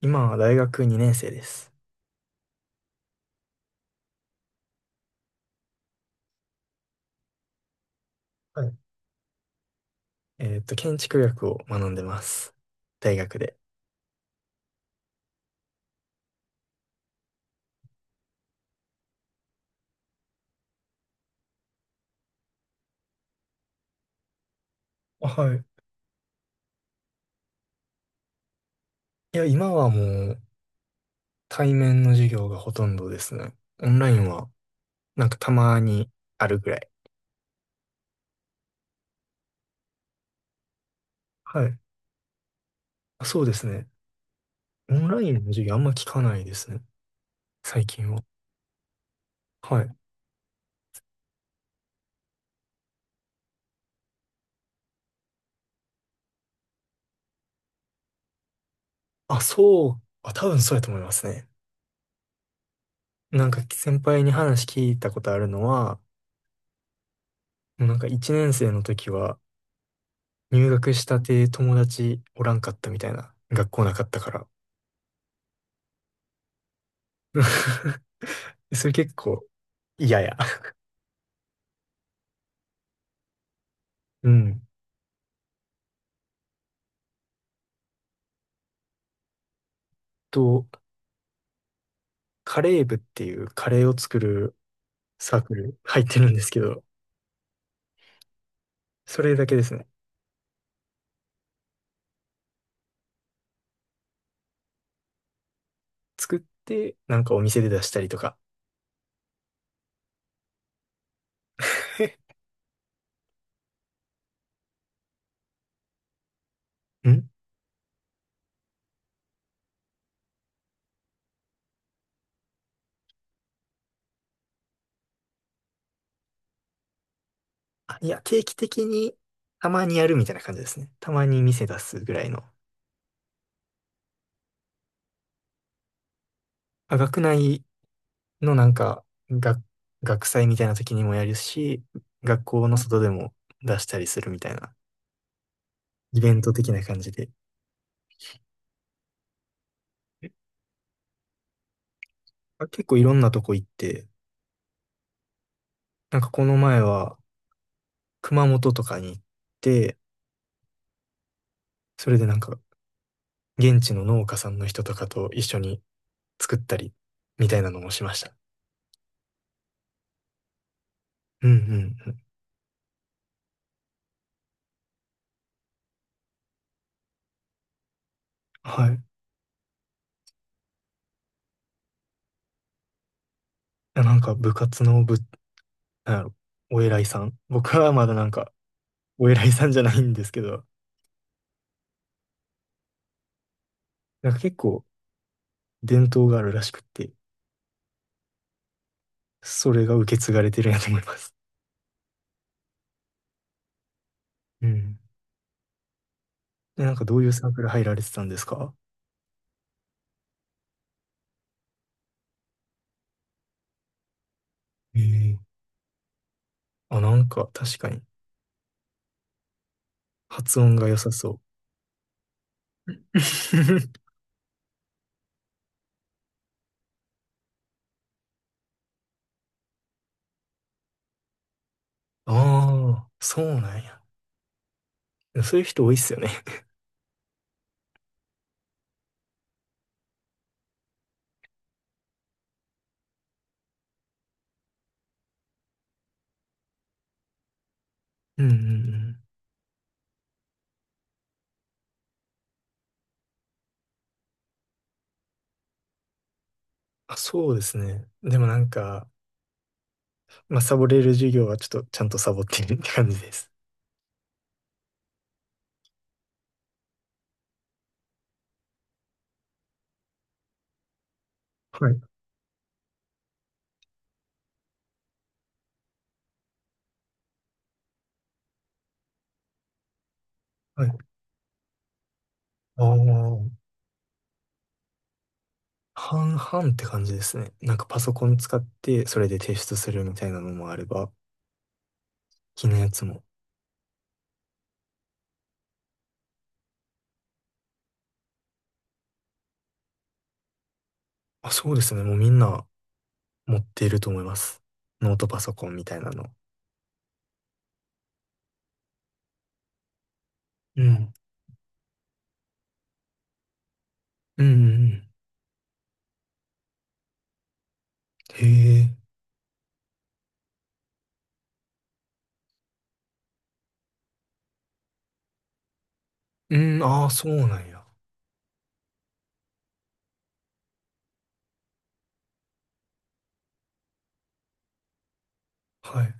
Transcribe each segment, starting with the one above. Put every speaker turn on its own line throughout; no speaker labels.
今は大学2年生です。はい。建築学を学んでます。大学で。あ、はい。いや、今はう対面の授業がほとんどですね。オンラインはなんかたまにあるぐらい。はい。あ、そうですね。オンラインの授業あんま聞かないですね。最近は。はい。あ、そう。あ、多分そうやと思いますね。なんか先輩に話聞いたことあるのは、なんか1年生の時は入学したて友達おらんかったみたいな。学校なかったから。それ結構嫌や。うん。と、カレー部っていうカレーを作るサークル入ってるんですけど、それだけですね。作って、なんかお店で出したりとか。んあ、いや、定期的にたまにやるみたいな感じですね。たまに店出すぐらいの。あ、学内のなんか、学、学祭みたいな時にもやるし、学校の外でも出したりするみたいな、イベント的な感じで。あ、結構いろんなとこ行って、なんかこの前は、熊本とかに行って、それでなんか、現地の農家さんの人とかと一緒に作ったり、みたいなのもしました。うんうんうん。はい。なんか部活のぶなんやろ、お偉いさん。僕はまだなんか、お偉いさんじゃないんですけど、なんか結構伝統があるらしくって、それが受け継がれてるんやと思います。うん。で、なんかどういうサークル入られてたんですか？ええ。あ、なんか確かに発音が良さそう。ああ、そうなんや。そういう人多いっすよね。うんうんうん。あ、そうですね。でもなんか、まあ、サボれる授業はちょっとちゃんとサボってるって感じです。はい。はい。ああ、半々って感じですね。なんかパソコン使ってそれで提出するみたいなのもあれば、気のやつも。あ、そうですね。もうみんな持っていると思います。ノートパソコンみたいなの。うん。うんうんうん。へえ。うん、ああ、そうなんや。はい。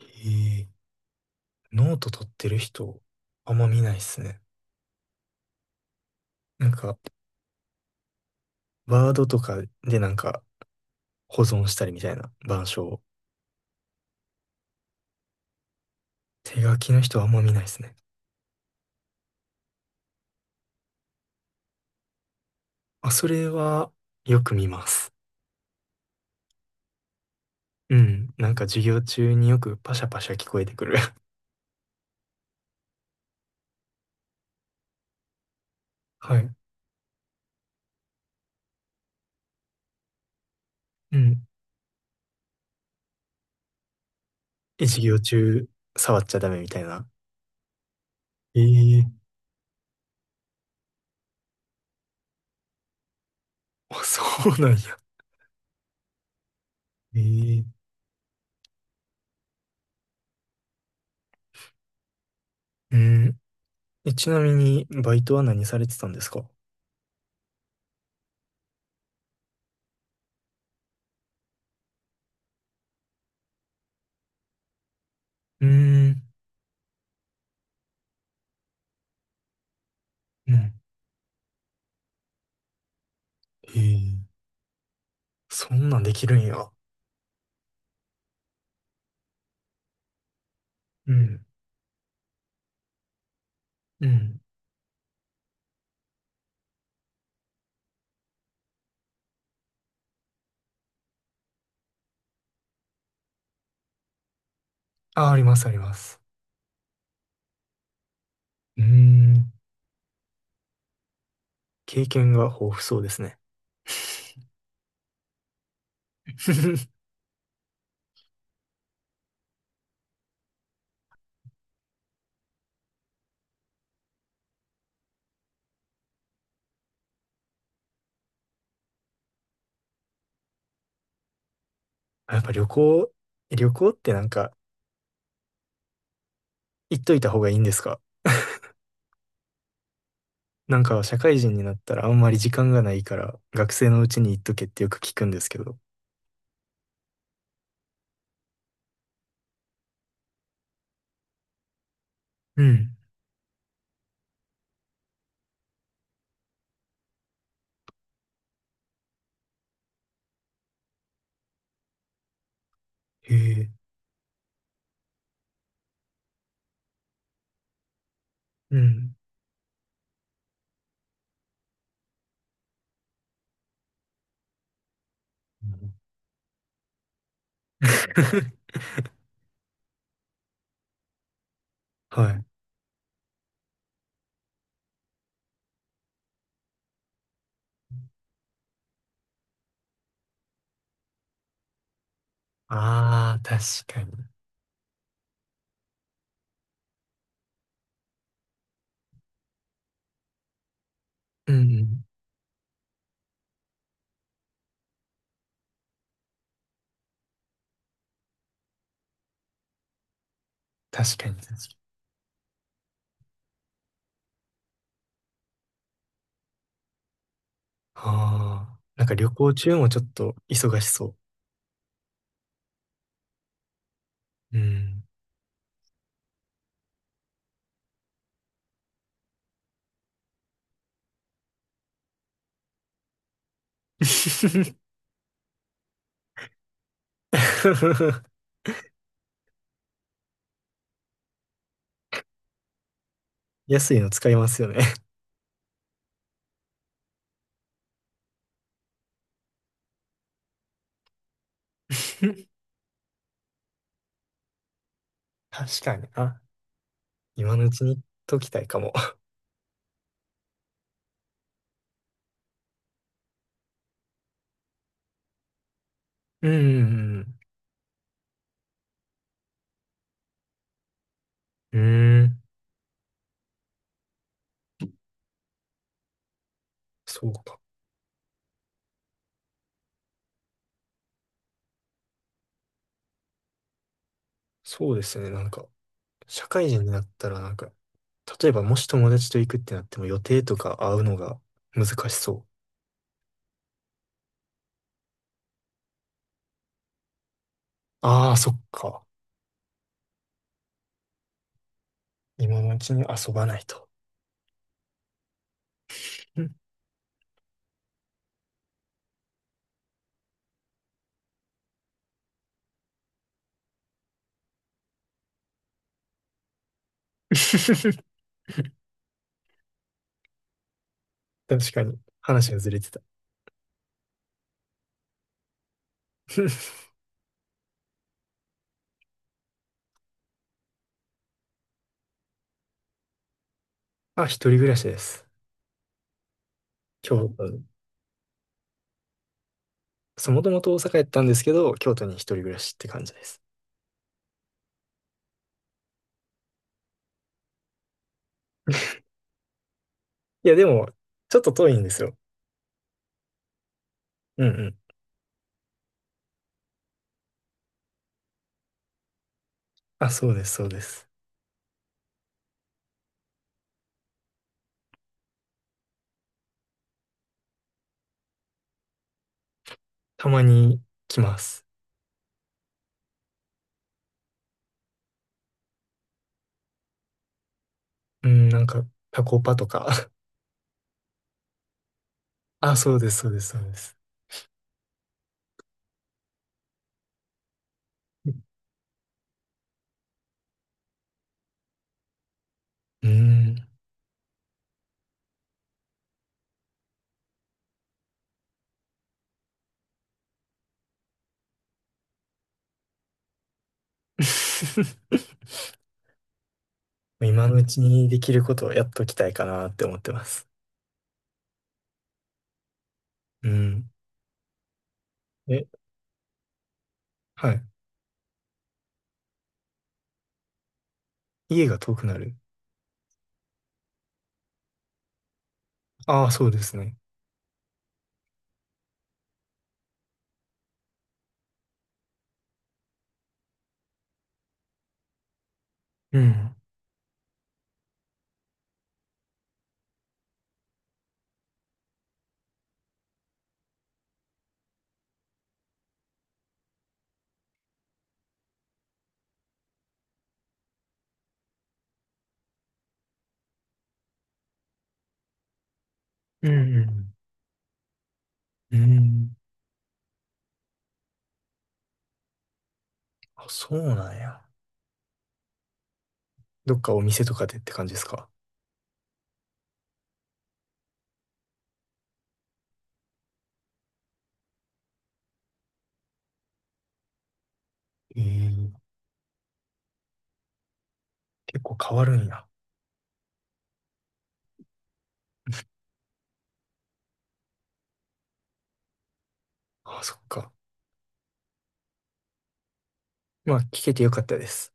へえ。ノート取ってる人、あんま見ないっすね。なんか、ワードとかでなんか保存したりみたいな板書を。手書きの人はあんま見ないですね。あ、それはよく見ます。うん。なんか授業中によくパシャパシャ聞こえてくる。はい。うん。え、授業中触っちゃダメみたいな。ええ あ、そうなんや。ええ。うん。え、ちなみに、バイトは何されてたんですか？うーん。うん。ええ、そんなんできるんや。うん。うん。あ、あります、あります。うーん。経験が豊富そうですね。やっぱ旅行、旅行ってなんか行っといた方がいいんですか？なんか社会人になったらあんまり時間がないから学生のうちに行っとけってよく聞くんですけど。うん。へえ。うん。うん はい。ああ、確かに。うんうん。確かに確かに。ああ。なんか旅行中もちょっと忙しそう。うん。安いの使いますよね。 確かに。あ、今のうちに言っときたいかも。うんうんうん。うーん。そうか。そうですね。なんか、社会人になったらなんか、例えばもし友達と行くってなっても予定とか会うのが難しそう。ああ、そっか。今のうちに遊ばないと。うん 確かに。話がずれてた。あ、一人暮らしです。京都に。そう、もともと大阪やったんですけど、京都に一人暮らしって感じです。いや、でも、ちょっと遠いんですよ。うんうん。あ、そうです、そうです。たまに来ます。うん、なんか、タコパとか。あ、そうです、そうです、そうです。うん。今のうちにできることをやっときたいかなって思ってます。うん。え、はい。家が遠くなる。ああ、そうですね。うん。うん、うん。うん。あ、そうなんや。どっかお店とかでって感じですか？ええ、結構変わるんや。あ、そっか。まあ、聞けてよかったです。